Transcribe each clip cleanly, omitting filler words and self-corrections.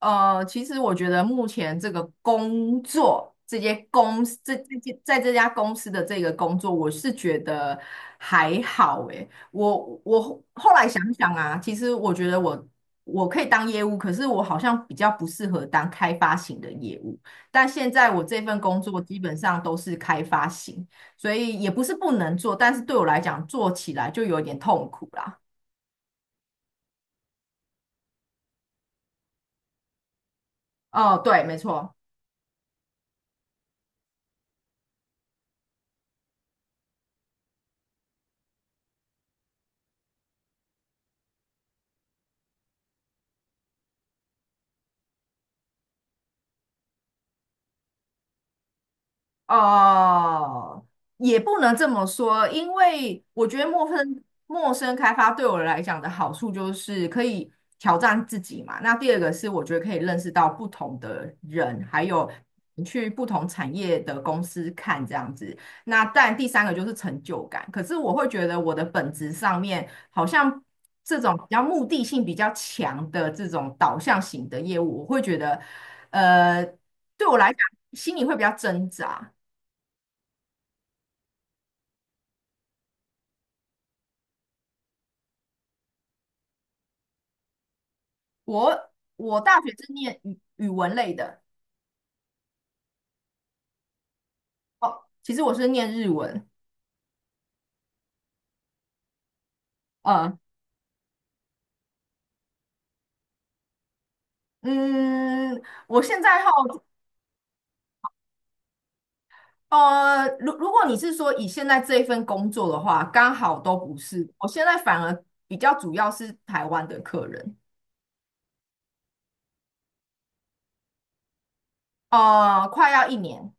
其实我觉得目前这个工作，这些公司，这些在这家公司的这个工作，我是觉得还好诶。我我后来想想啊，其实我觉得我可以当业务，可是我好像比较不适合当开发型的业务。但现在我这份工作基本上都是开发型，所以也不是不能做，但是对我来讲做起来就有点痛苦啦。哦，对，没错。哦，也不能这么说，因为我觉得陌生开发对我来讲的好处就是可以挑战自己嘛。那第二个是我觉得可以认识到不同的人，还有你去不同产业的公司看这样子。那但第三个就是成就感。可是我会觉得我的本质上面好像这种比较目的性比较强的这种导向型的业务，我会觉得呃对我来讲心里会比较挣扎。我我大学是念语文类的，哦，其实我是念日文，呃，嗯，我现在好，如果你是说以现在这一份工作的话，刚好都不是，我现在反而比较主要是台湾的客人，快要一年，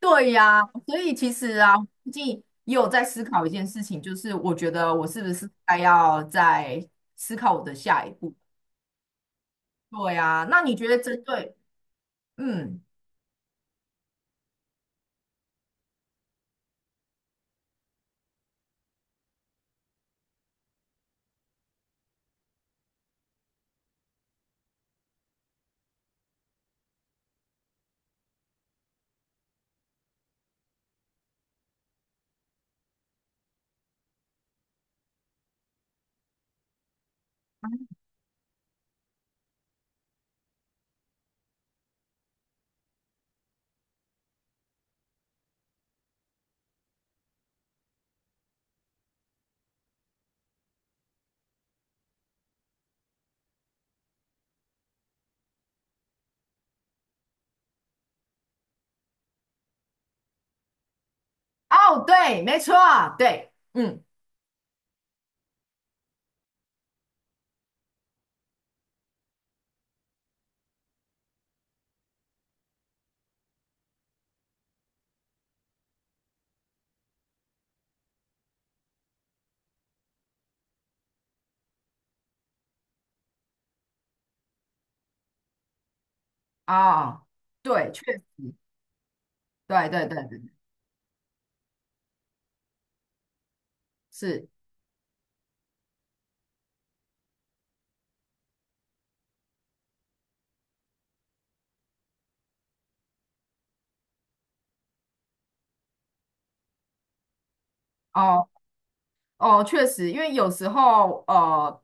对呀，所以其实啊，最近也有在思考一件事情，就是我觉得我是不是该要再思考我的下一步？对呀，那你觉得针对，嗯。哦，对，没错，对，嗯，哦，对，确实对对对对，是，哦哦，确实，因为有时候，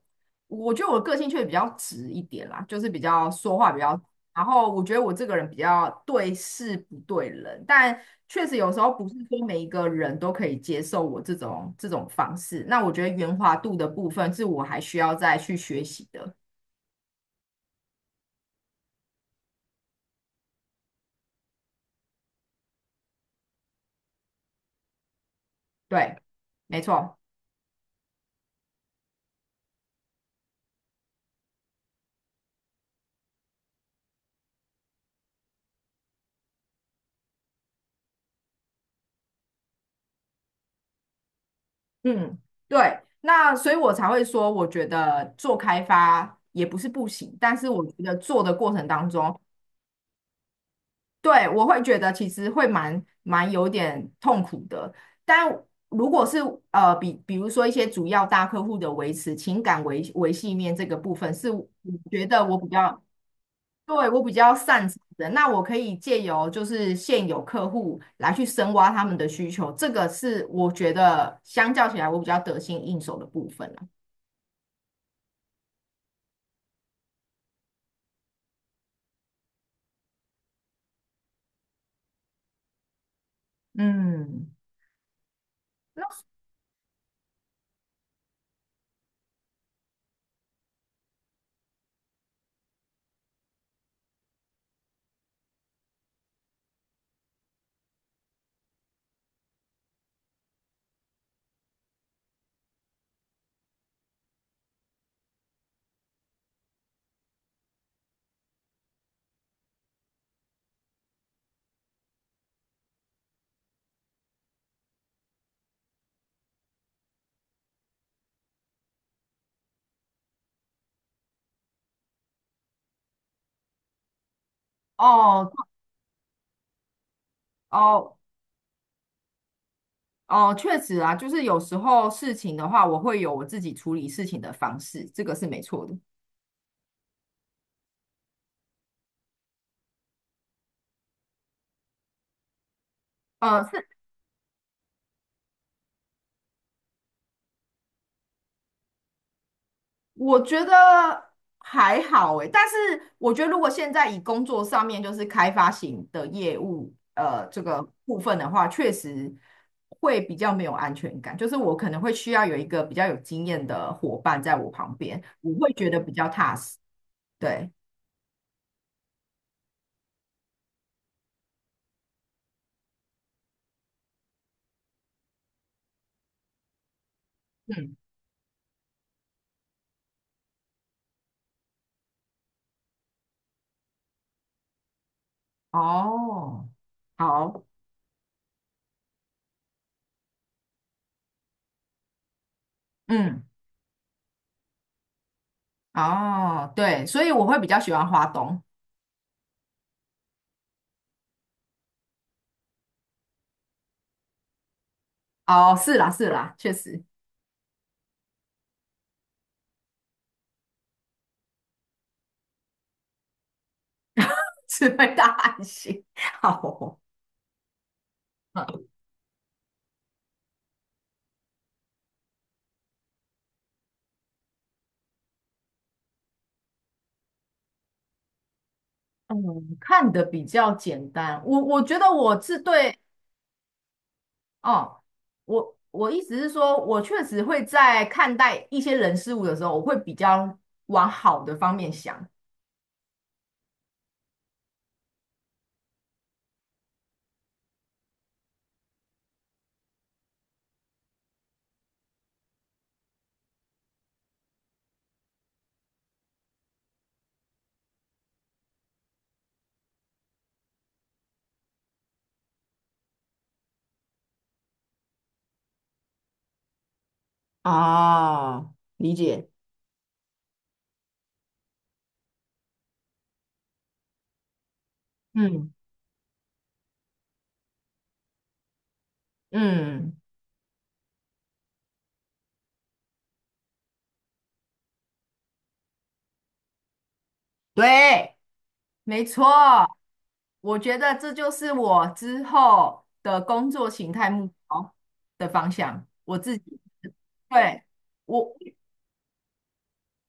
我觉得我的个性确实比较直一点啦，就是比较说话比较，然后我觉得我这个人比较对事不对人，但确实有时候不是说每一个人都可以接受我这种方式，那我觉得圆滑度的部分是我还需要再去学习的，对，没错。嗯，对，那所以我才会说，我觉得做开发也不是不行，但是我觉得做的过程当中，对，我会觉得其实会蛮有点痛苦的。但如果是比如说一些主要大客户的维持情感维系面这个部分，是我觉得我比较对我比较擅长的，那我可以借由就是现有客户来去深挖他们的需求，这个是我觉得相较起来我比较得心应手的部分啦。嗯。哦哦哦，确实啊，就是有时候事情的话，我会有我自己处理事情的方式，这个是没错的。是我觉得还好诶，但是我觉得如果现在以工作上面就是开发型的业务，这个部分的话，确实会比较没有安全感，就是我可能会需要有一个比较有经验的伙伴在我旁边，我会觉得比较踏实。对，嗯，哦，好，嗯。哦，对，所以我会比较喜欢花东。哦，是啦，是啦，确实 是会大汗型。好哦，嗯，看的比较简单。我觉得我是对哦，我意思是说，我确实会在看待一些人事物的时候，我会比较往好的方面想。哦，理解。嗯嗯，对。没错，我觉得这就是我之后的工作形态目标的方向。我自己，对，我，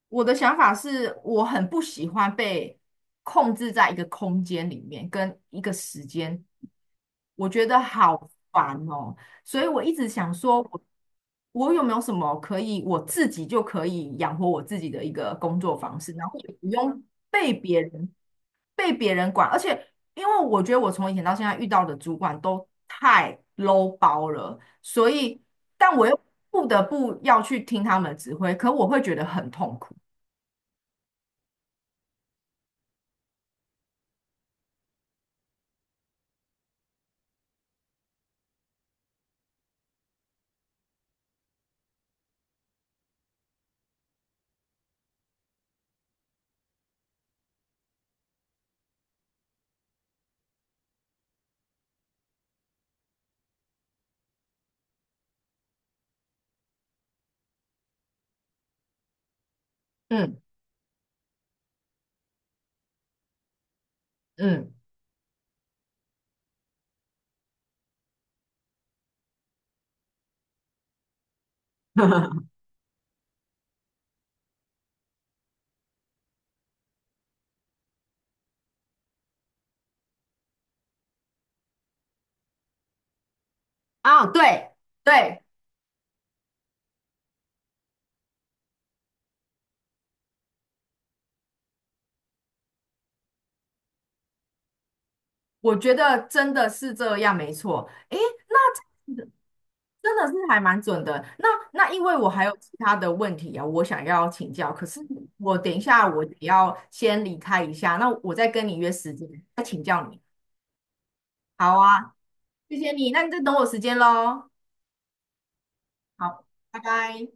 我的想法是，我很不喜欢被控制在一个空间里面，跟一个时间，我觉得好烦哦。所以我一直想说我，我有没有什么可以我自己就可以养活我自己的一个工作方式，然后也不用被别人被别人管。而且，因为我觉得我从以前到现在遇到的主管都太 low 包了，所以，但我又不得不要去听他们的指挥，可我会觉得很痛苦。嗯嗯，啊，对对，我觉得真的是这样，没错。诶，那这样子真的是还蛮准的。那因为我还有其他的问题啊，我想要请教，可是我等一下我得要先离开一下，那我再跟你约时间再请教你。好啊，谢谢你，那你就等我时间喽。好，拜拜。